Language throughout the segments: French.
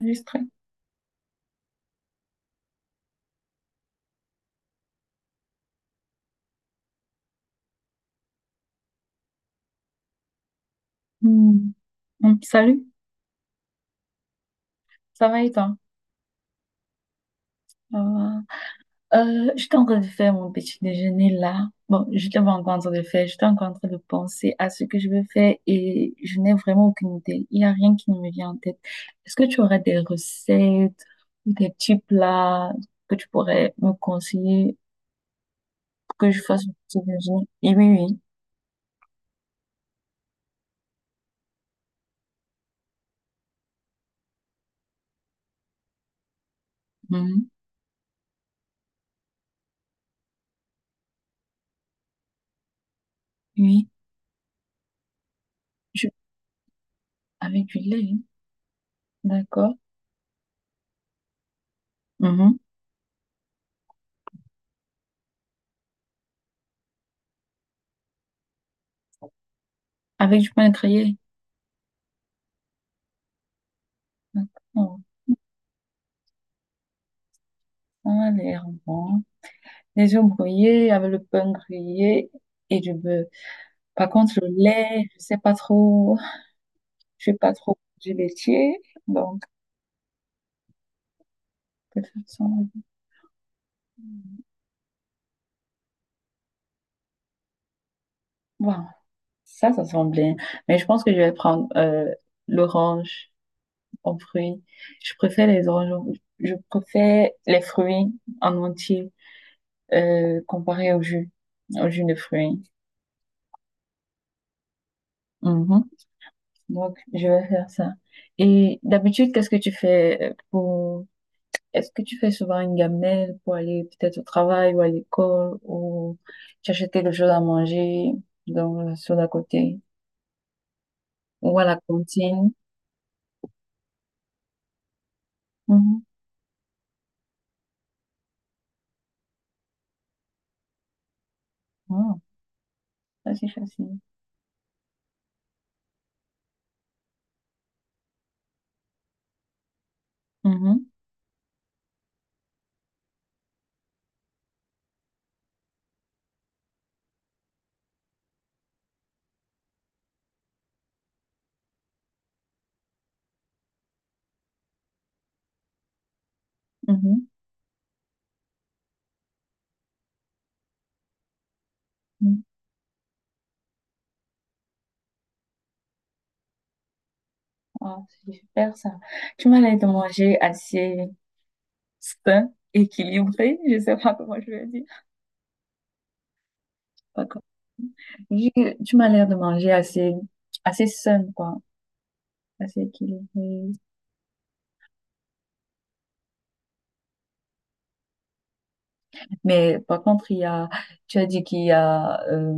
Enregistré. Hmm. Donc, salut, ça va et toi? Ça va. J'étais en train de faire mon petit déjeuner là. Bon, je n'étais pas encore en train de le faire, j'étais encore en train de penser à ce que je veux faire et je n'ai vraiment aucune idée. Il n'y a rien qui ne me vient en tête. Est-ce que tu aurais des recettes ou des petits plats que tu pourrais me conseiller pour que je fasse mon petit déjeuner? Et oui, oui. Mhm. Oui, je... avec du lait, hein. D'accord. Mhm. Avec du pain grillé, d'accord. Ça a l'air bon. Les œufs brouillés avec le pain grillé et du beurre. Par contre, le lait, je sais pas trop, je suis pas trop du laitier, donc de toute façon, bon, ça sent bien. Mais je pense que je vais prendre l'orange en fruits. Je préfère les oranges, je préfère les fruits en entier comparé au jus de fruits. Mhm. Donc, je vais faire ça. Et d'habitude, qu'est-ce que tu fais pour est-ce que tu fais souvent une gamelle pour aller peut-être au travail ou à l'école ou tu achètes quelque chose à manger dans, sur la côté ou à la cantine? Mhm. Ah, ça c'est facile. Mhm, mhm, mhm. Ah, c'est super ça. Tu m'as l'air de manger assez sain, équilibré, je sais pas comment je vais dire. Pas comme- Tu m'as l'air de manger assez sain, quoi. Assez équilibré, mais par contre, tu as dit qu'il y a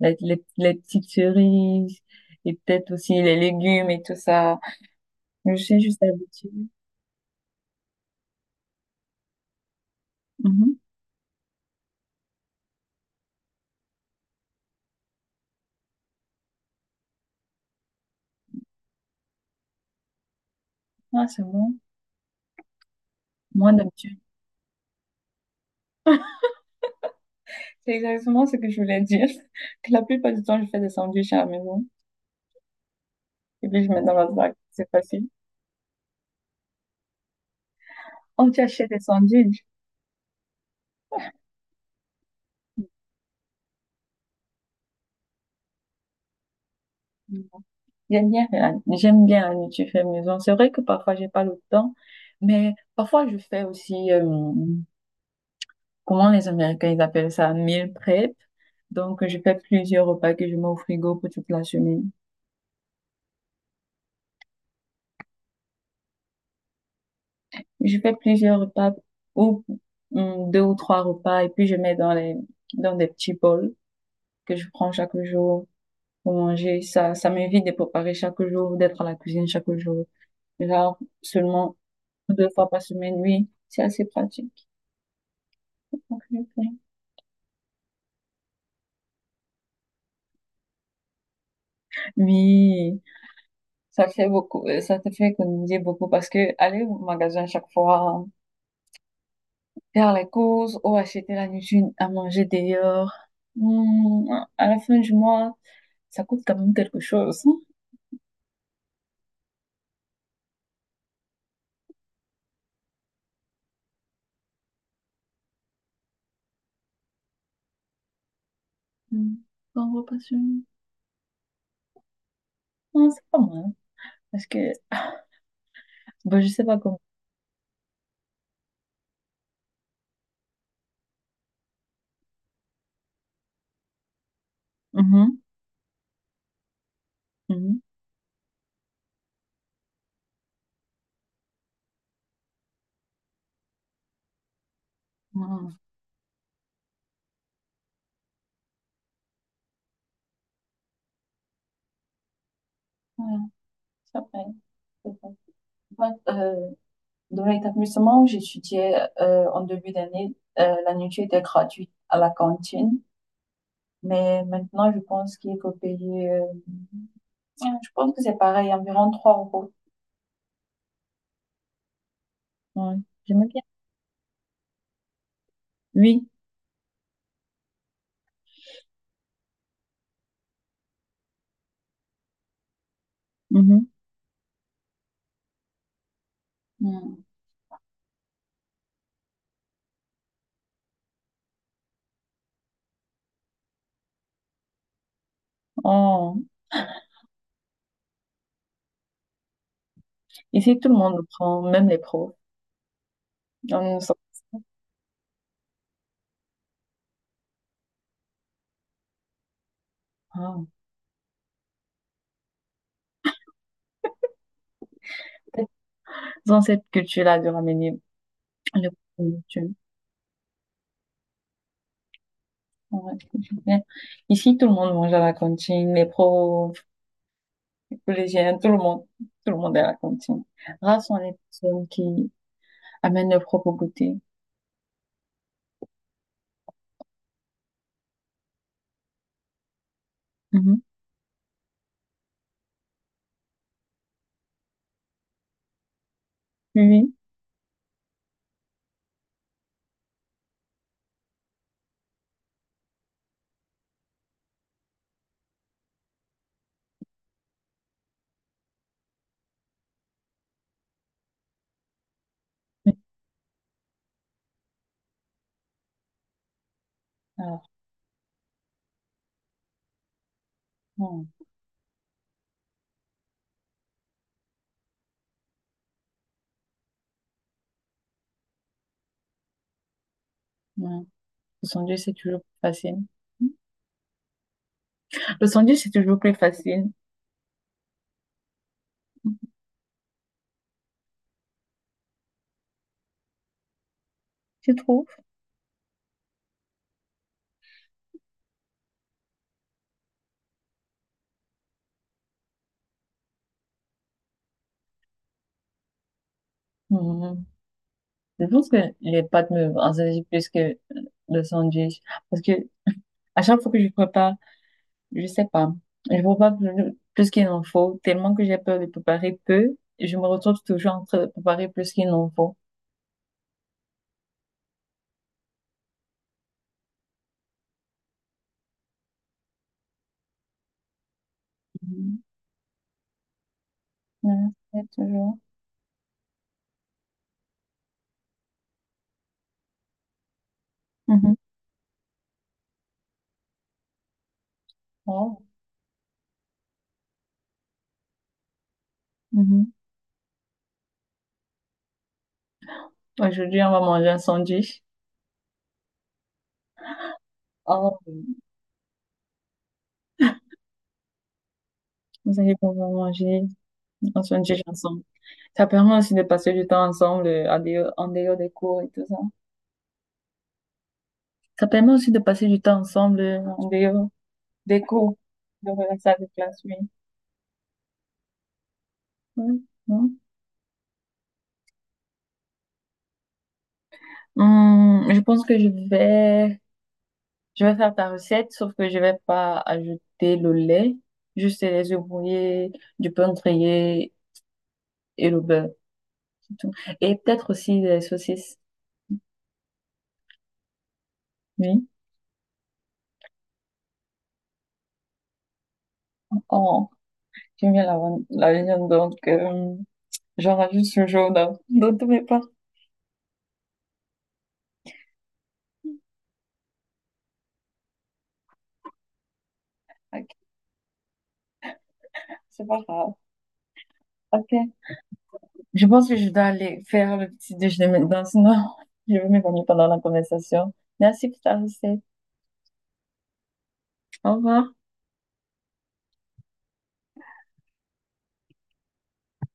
les petites cerises et peut-être aussi les légumes et tout ça. Je suis juste habituée. Mhm. Ah, c'est bon. Moi, d'habitude. C'est exactement ce que je voulais dire. Que la plupart du temps, je fais des sandwichs à la maison. Et puis, je mets dans la sac. C'est facile. On t'achète des sandwichs. J'aime bien, j'aime bien la nourriture faite maison. C'est vrai que parfois, j'ai pas le temps. Mais parfois, je fais aussi. Comment les Américains ils appellent ça, meal prep. Donc, je fais plusieurs repas que je mets au frigo pour toute la semaine. Je fais plusieurs repas ou deux ou trois repas et puis je mets dans les dans des petits bols que je prends chaque jour pour manger. Ça m'évite de préparer chaque jour, d'être à la cuisine chaque jour. Genre seulement deux fois par semaine, oui, c'est assez pratique. Ok, ok. Oui, ça fait beaucoup, ça te fait économiser beaucoup parce que aller au magasin chaque fois. Faire les courses ou acheter la nuisine à manger dehors. Hmm, à la fin du mois, ça coûte quand même quelque chose. Hmm, bon, repassion. Non, c'est pas mal. Parce que, bon, je sais pas comment. Mhm, mhm. Ah, voilà, ça va. C'est bon. Bah, euh, Dans l'établissement où j'étudiais en début d'année, la nourriture était gratuite à la cantine. Mais maintenant, je pense qu'il faut payer, je pense que c'est pareil, environ 3 euros. Ouais, j'aime bien. Oui. Mhm. Mm. Oh. Ici, tout le monde le prend, même les pros. On s'en- Ah, dans cette culture-là de ramener le produit. Ouais. Ici, tout le monde mange à la cantine, les pros, collégienne, tout le monde est à la cantine. Rares sont les personnes qui amènent leur propre goûter. Mhm. Oui, oui. Alors, bon, ouais. Le sandwich, c'est toujours plus facile. Le sandwich, c'est toujours plus facile. Tu trouves? Mhm. Je pense que les pâtes me rassaisent plus que le sandwich. Parce que à chaque fois que je prépare, je sais pas, je prépare plus qu'il en faut, tellement que j'ai peur de préparer peu, je me retrouve toujours en train de préparer plus qu'il n'en faut. Mhm. Ouais, c'est toujours. Mhm. Oh. Mhm. Aujourd'hui, on va manger un sandwich. Oh, vous savez qu'on va manger un sandwich ensemble. Ça permet aussi de passer du temps ensemble en dehors des cours et tout ça. Ça permet aussi de passer du temps ensemble en dehors des cours, de relaxer avec la classe, oui. Oui, non. Je pense que je vais faire ta recette, sauf que je vais pas ajouter le lait, juste les œufs brouillés, du pain grillé et le beurre. C'est tout. Et peut-être aussi des saucisses. Oui. Oh 어, 김이랑은 la viande, donc j'en rajoute ce jaune hein, dans tous mes plats. Ok, c'est pas grave. Ok, je pense que je dois aller faire le petit déjeuner maintenant, sinon je vais m'évanouir pendant la conversation. Merci pour ta recette. Au revoir.